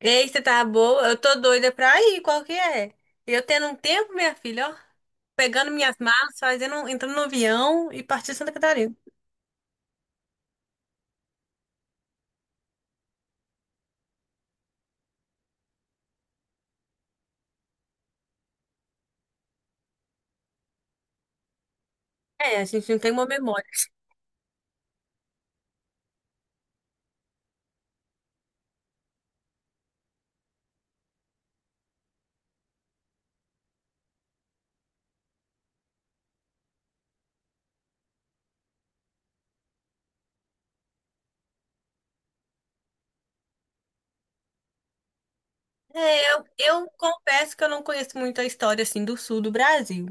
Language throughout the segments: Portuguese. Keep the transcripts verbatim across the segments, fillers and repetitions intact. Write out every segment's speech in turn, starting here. Ei, você tá boa? Eu tô doida pra ir, qual que é? Eu tendo um tempo, minha filha, ó, pegando minhas malas, fazendo, entrando no avião e partindo Santa Catarina. É, a gente não tem uma memória. É, eu, eu confesso que eu não conheço muito a história, assim, do sul do Brasil.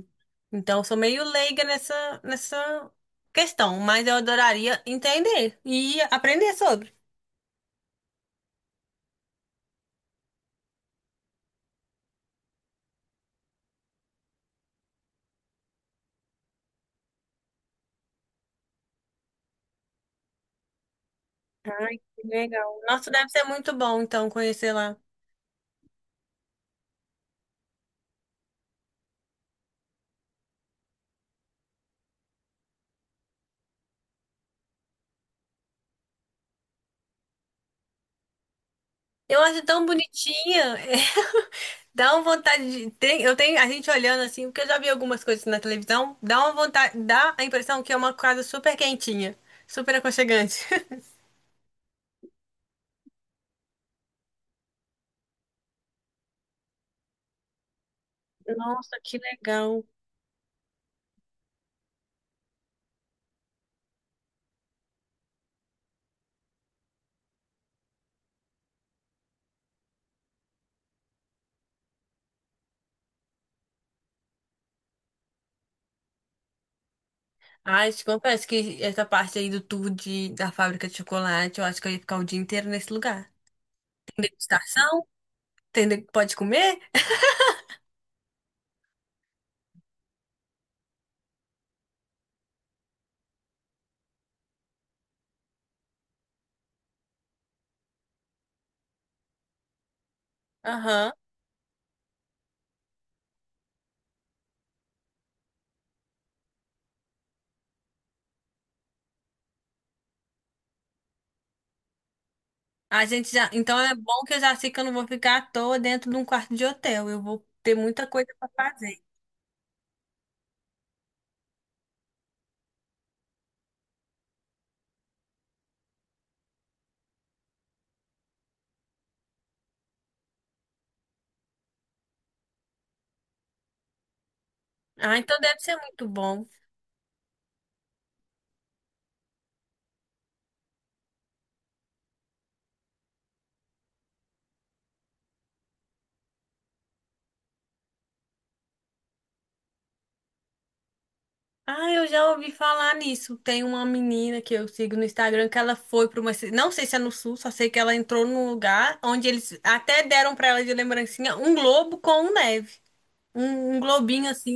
Então, eu sou meio leiga nessa, nessa questão, mas eu adoraria entender e aprender sobre. Legal. Nossa, deve ser muito bom, então, conhecer lá. Eu acho tão bonitinha. Dá uma vontade de. Tem- Eu tenho a gente olhando assim, porque eu já vi algumas coisas na televisão, dá uma vontade, dá a impressão que é uma casa super quentinha, super aconchegante. Nossa, que legal. Ai, te confesso que essa parte aí do tour de, da fábrica de chocolate, eu acho que eu ia ficar o dia inteiro nesse lugar. Tem degustação, tem, de- pode comer? Aham. A gente já, então é bom que eu já sei que eu não vou ficar à toa dentro de um quarto de hotel. Eu vou ter muita coisa pra fazer. Ah, então deve ser muito bom. Ah, eu já ouvi falar nisso. Tem uma menina que eu sigo no Instagram que ela foi para uma. ci- não sei se é no Sul, só sei que ela entrou num lugar onde eles até deram para ela de lembrancinha um globo com neve. Um, um globinho assim.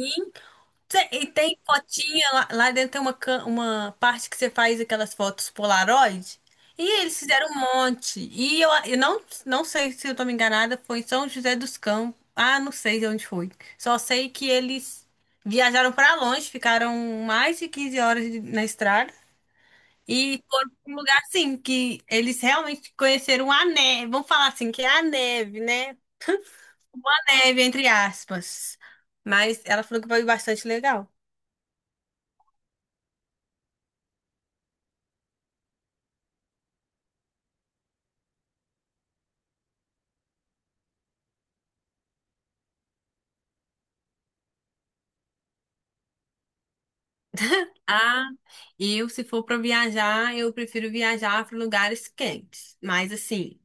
Cê- E tem fotinha lá, lá dentro tem uma, cam- uma parte que você faz aquelas fotos Polaroid. E eles fizeram um monte. E eu, eu não, não sei se eu tô me enganada, foi em São José dos Campos. Ah, não sei de onde foi. Só sei que eles viajaram pra longe, ficaram mais de quinze horas de- na estrada. E foram pra um lugar assim, que eles realmente conheceram a neve. Vamos falar assim, que é a neve, né? A neve, entre aspas. Mas ela falou que foi bastante legal. Ah, eu, se for para viajar, eu prefiro viajar para lugares quentes. Mas, assim,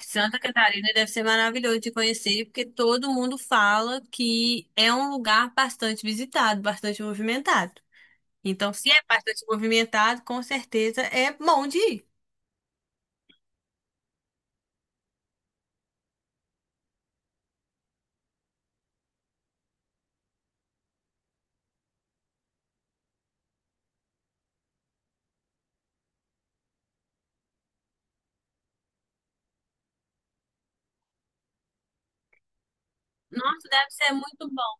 Santa Catarina deve ser maravilhoso de conhecer, porque todo mundo fala que é um lugar bastante visitado, bastante movimentado. Então, se é bastante movimentado, com certeza é bom de ir. Nossa, deve ser muito bom.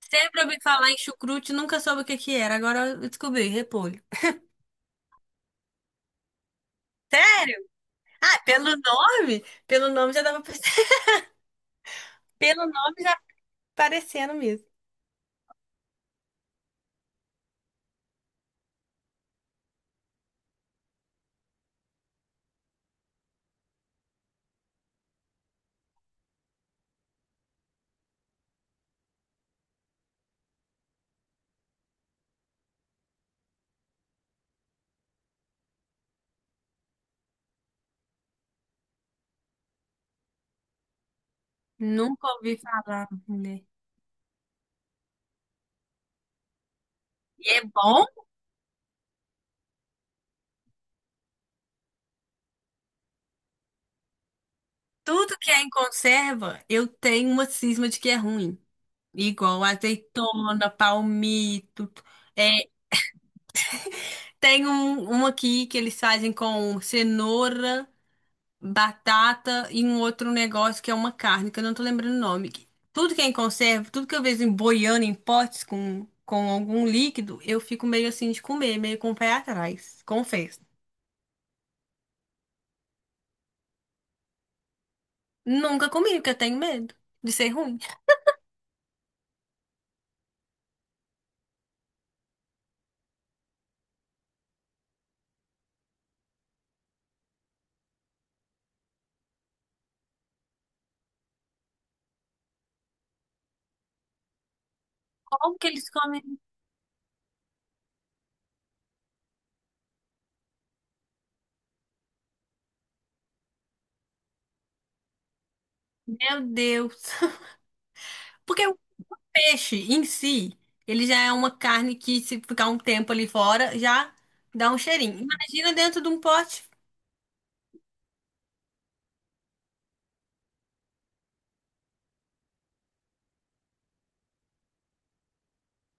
Sempre ouvi falar em chucrute, nunca soube o que que era. Agora eu descobri, repolho. Sério? Ah, pelo nome? Pelo nome já dava pra pelo nome já parecendo mesmo. Nunca ouvi falar, né? E é bom? Tudo que é em conserva, eu tenho uma cisma de que é ruim. Igual azeitona, palmito. É, tem um, um aqui que eles fazem com cenoura, batata e um outro negócio que é uma carne, que eu não tô lembrando o nome. Tudo que é em conserva, tudo que eu vejo em boiando em potes com, com algum líquido, eu fico meio assim de comer, meio com o pé atrás. Confesso. Nunca comi, porque eu tenho medo de ser ruim. Como que eles comem? Meu Deus. Porque o peixe em si, ele já é uma carne que, se ficar um tempo ali fora, já dá um cheirinho. Imagina dentro de um pote.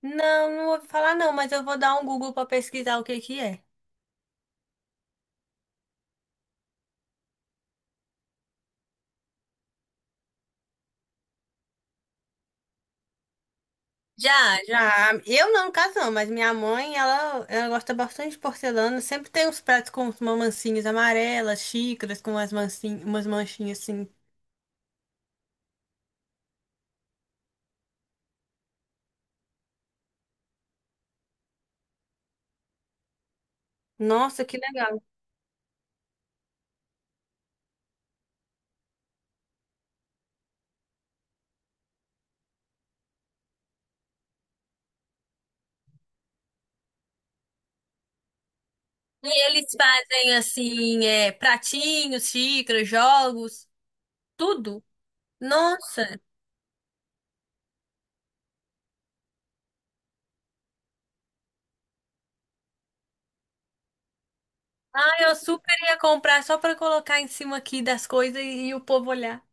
Não, não vou falar não, mas eu vou dar um Google para pesquisar o que que é. Já, já. Eu não, no caso não, mas minha mãe, ela, ela gosta bastante de porcelana. Sempre tem uns pratos com umas mancinhas amarelas, xícaras com umas, mancinhas, umas manchinhas assim. Nossa, que legal. E eles fazem assim, é, pratinhos, xícaras, jogos, tudo. Nossa, ah, eu super ia comprar só pra colocar em cima aqui das coisas e, e o povo olhar.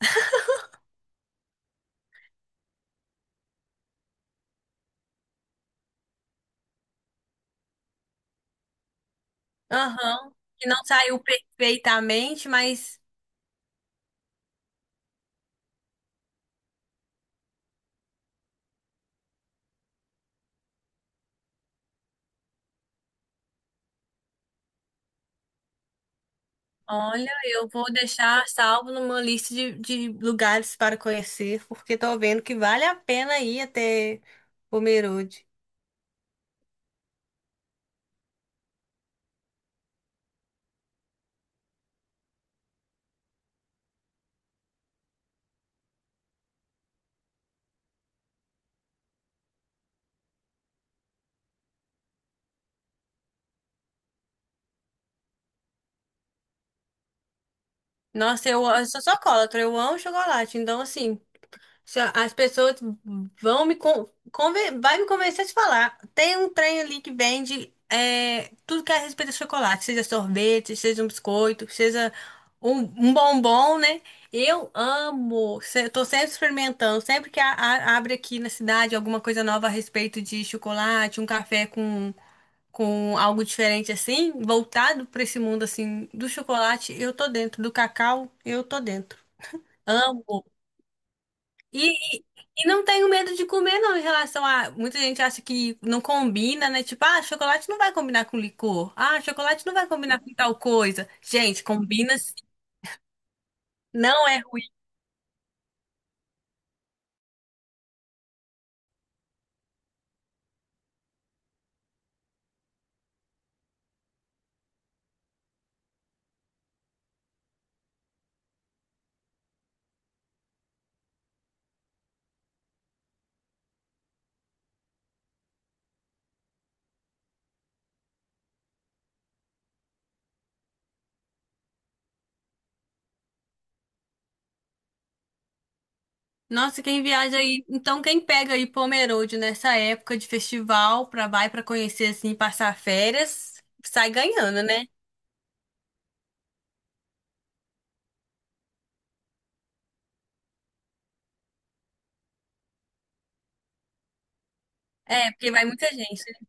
Aham, que não saiu perfeitamente, mas olha, eu vou deixar salvo numa lista de, de lugares para conhecer, porque tô vendo que vale a pena ir até Pomerode. Nossa, eu, eu sou chocolatra, eu amo chocolate, então assim. Se a- As pessoas vão me con conven- vai me convencer a te falar. Tem um trem ali que vende é, tudo que é a respeito de chocolate, seja sorvete, seja um biscoito, seja um, um bombom, né? Eu amo. Se- Eu tô sempre experimentando. Sempre que a- a- abre aqui na cidade alguma coisa nova a respeito de chocolate, um café com, com algo diferente assim, voltado para esse mundo assim do chocolate, eu tô dentro. Do cacau, eu tô dentro. Amo. E, e e não tenho medo de comer, não, em relação a. Muita gente acha que não combina, né? Tipo, ah, chocolate não vai combinar com licor. Ah, chocolate não vai combinar com tal coisa. Gente, combina sim. Não é ruim. Nossa, quem viaja aí. Então, quem pega aí Pomerode nessa época de festival pra vai pra conhecer assim, passar férias, sai ganhando, né? É, porque vai muita gente, né?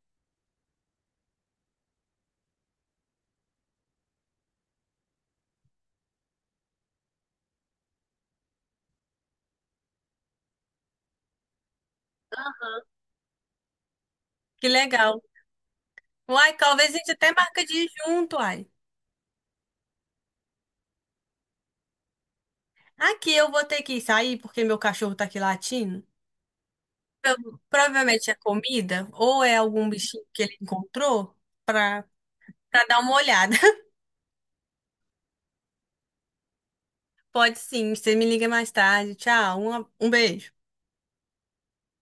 Que legal. Uai, talvez a gente até marca de ir junto, uai. Aqui eu vou ter que sair porque meu cachorro tá aqui latindo. Então, provavelmente é comida ou é algum bichinho que ele encontrou para para dar uma olhada. Pode sim, você me liga mais tarde. Tchau, um, um beijo.